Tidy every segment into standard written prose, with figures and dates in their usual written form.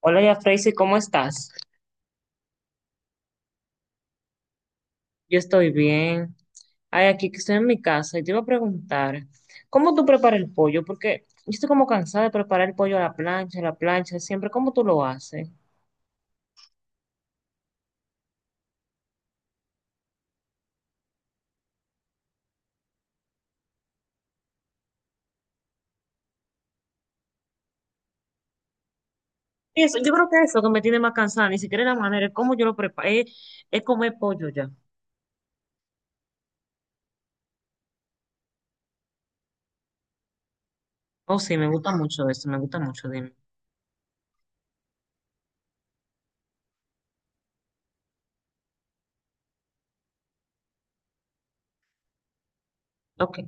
Hola, ya Tracy, ¿cómo estás? Yo estoy bien. Ay, aquí que estoy en mi casa y te iba a preguntar, ¿cómo tú preparas el pollo? Porque yo estoy como cansada de preparar el pollo a la plancha, siempre. ¿Cómo tú lo haces? Y eso, yo creo que eso que me tiene más cansada, ni siquiera es la manera, es cómo yo lo preparo, es comer pollo ya. Oh, sí, me gusta mucho eso, me gusta mucho, dime. Ok,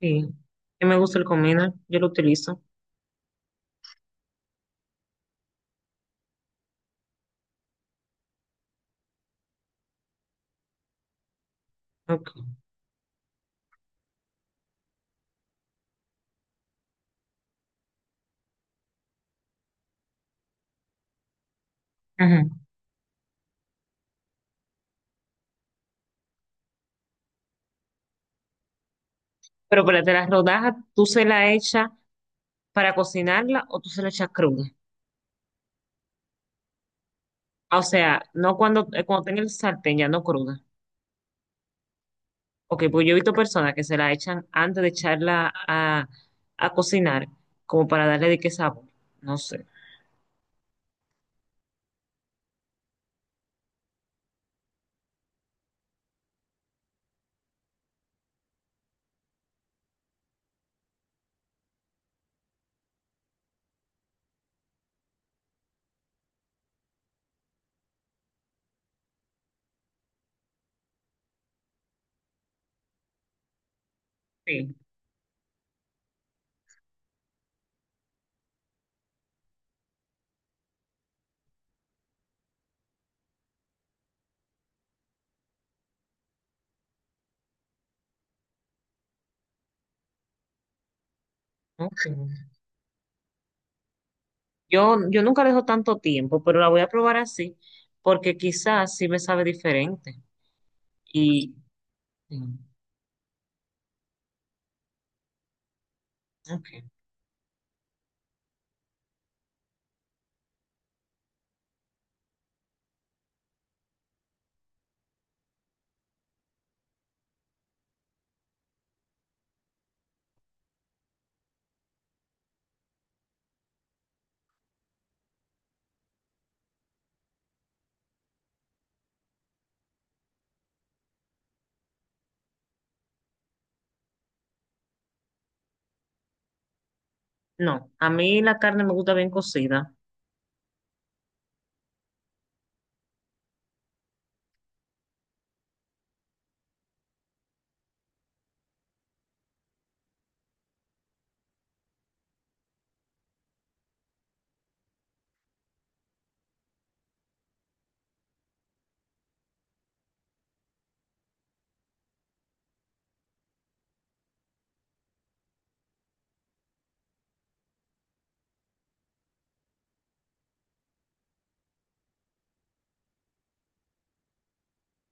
sí. Y me gusta el comino, yo lo utilizo. Ok. Ujú. Pero espérate, las rodajas, ¿tú se la echas para cocinarla o tú se la echas cruda? O sea, no cuando, cuando tenga el sartén ya no cruda. Ok, pues yo he visto personas que se la echan antes de echarla a cocinar, como para darle de qué sabor. No sé. Sí, ok. Yo nunca dejo tanto tiempo, pero la voy a probar así, porque quizás sí me sabe diferente. Y, sí, ok. No, a mí la carne me gusta bien cocida.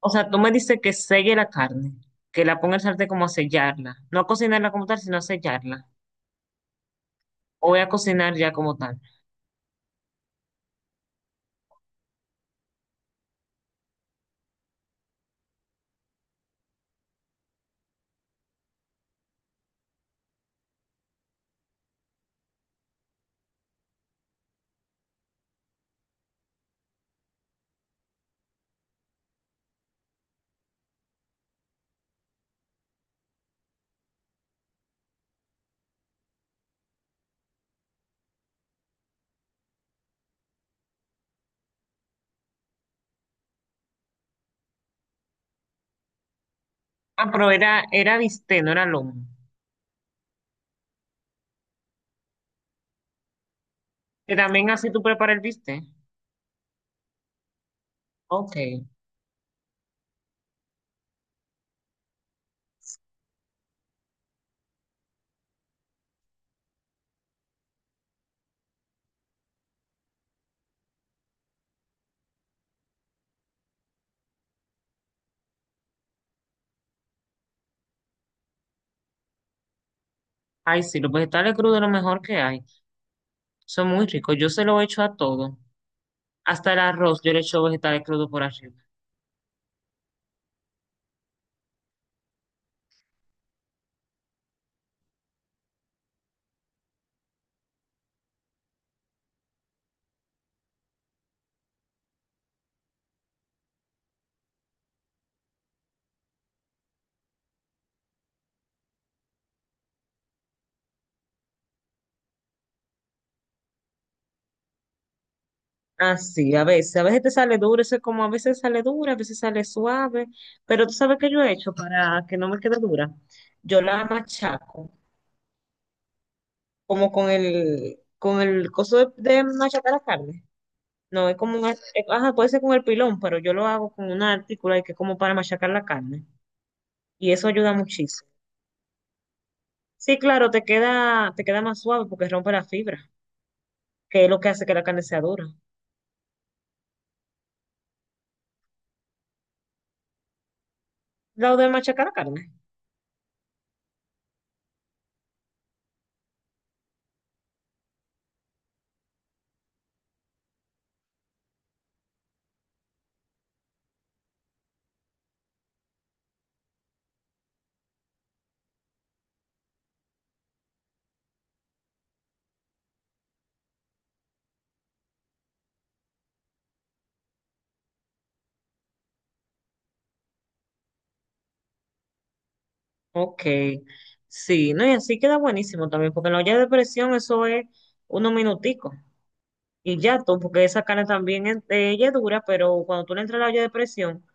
O sea, tú me dices que selle la carne, que la ponga en el sartén como a sellarla. No a cocinarla como tal, sino a sellarla. O voy a cocinar ya como tal. Ah, pero era bistec, no era lomo. Que también así tú preparas el bistec. Ok. Ay, sí, los vegetales crudos es lo mejor que hay. Son muy ricos. Yo se lo echo a todo. Hasta el arroz, yo le echo vegetales crudos por arriba. Así, a veces. A veces te sale duro. Eso es como a veces sale dura, a veces sale suave. Pero tú sabes que yo he hecho para que no me quede dura. Yo la machaco, como con el coso de machacar la carne. No, es como un, ajá, puede ser con el pilón, pero yo lo hago con una artícula y que es como para machacar la carne. Y eso ayuda muchísimo. Sí, claro, te queda más suave porque rompe la fibra, que es lo que hace que la carne sea dura. Lo de machacar la carne. Ok. Sí, no, y así queda buenísimo también, porque en la olla de presión eso es unos minuticos. Y ya tú, porque esa carne también ella es dura, pero cuando tú le entras a la olla de presión,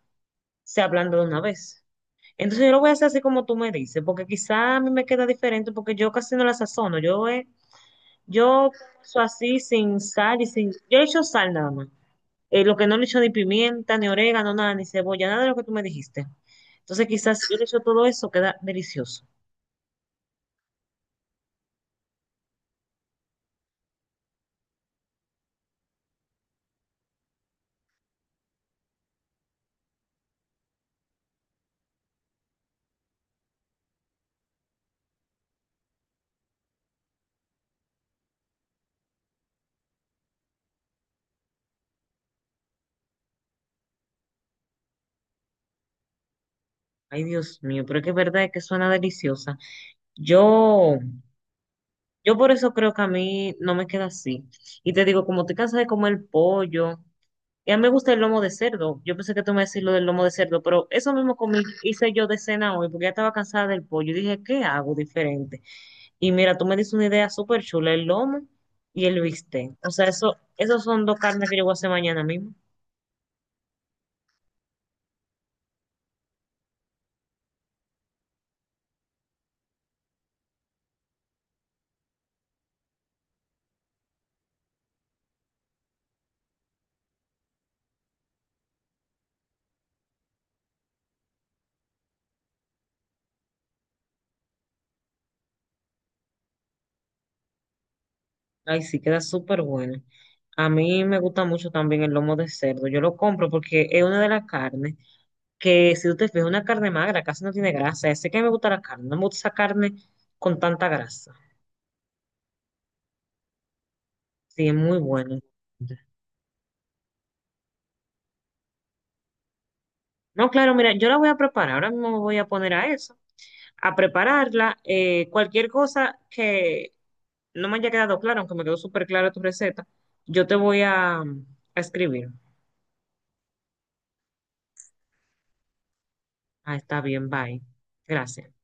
se ablanda de una vez. Entonces yo lo voy a hacer así como tú me dices, porque quizá a mí me queda diferente, porque yo casi no la sazono. Yo uso así sin sal y sin... Yo he hecho sal nada más. Lo que no le he hecho ni pimienta, ni orégano, nada, ni cebolla, nada de lo que tú me dijiste. Entonces quizás si yo le echo todo eso, queda delicioso. Ay, Dios mío, pero es que es verdad que suena deliciosa. Yo Yo por eso creo que a mí no me queda así. Y te digo, como estoy cansada de comer pollo, y a mí me gusta el lomo de cerdo. Yo pensé que tú me decías lo del lomo de cerdo, pero eso mismo comí, hice yo de cena hoy, porque ya estaba cansada del pollo. Y dije, ¿qué hago diferente? Y mira, tú me dices una idea súper chula, el lomo y el bistec. O sea, eso, esos son dos carnes que yo voy a hacer mañana mismo. Ay, sí, queda súper buena. A mí me gusta mucho también el lomo de cerdo. Yo lo compro porque es una de las carnes. Que si tú te fijas, una carne magra casi no tiene grasa. Sé que me gusta la carne, no me gusta esa carne con tanta grasa. Sí, es muy bueno. No, claro, mira, yo la voy a preparar, ahora mismo me voy a poner a eso, a prepararla. Cualquier cosa que no me haya quedado claro, aunque me quedó súper clara tu receta, yo te voy a escribir. Ah, está bien, bye. Gracias.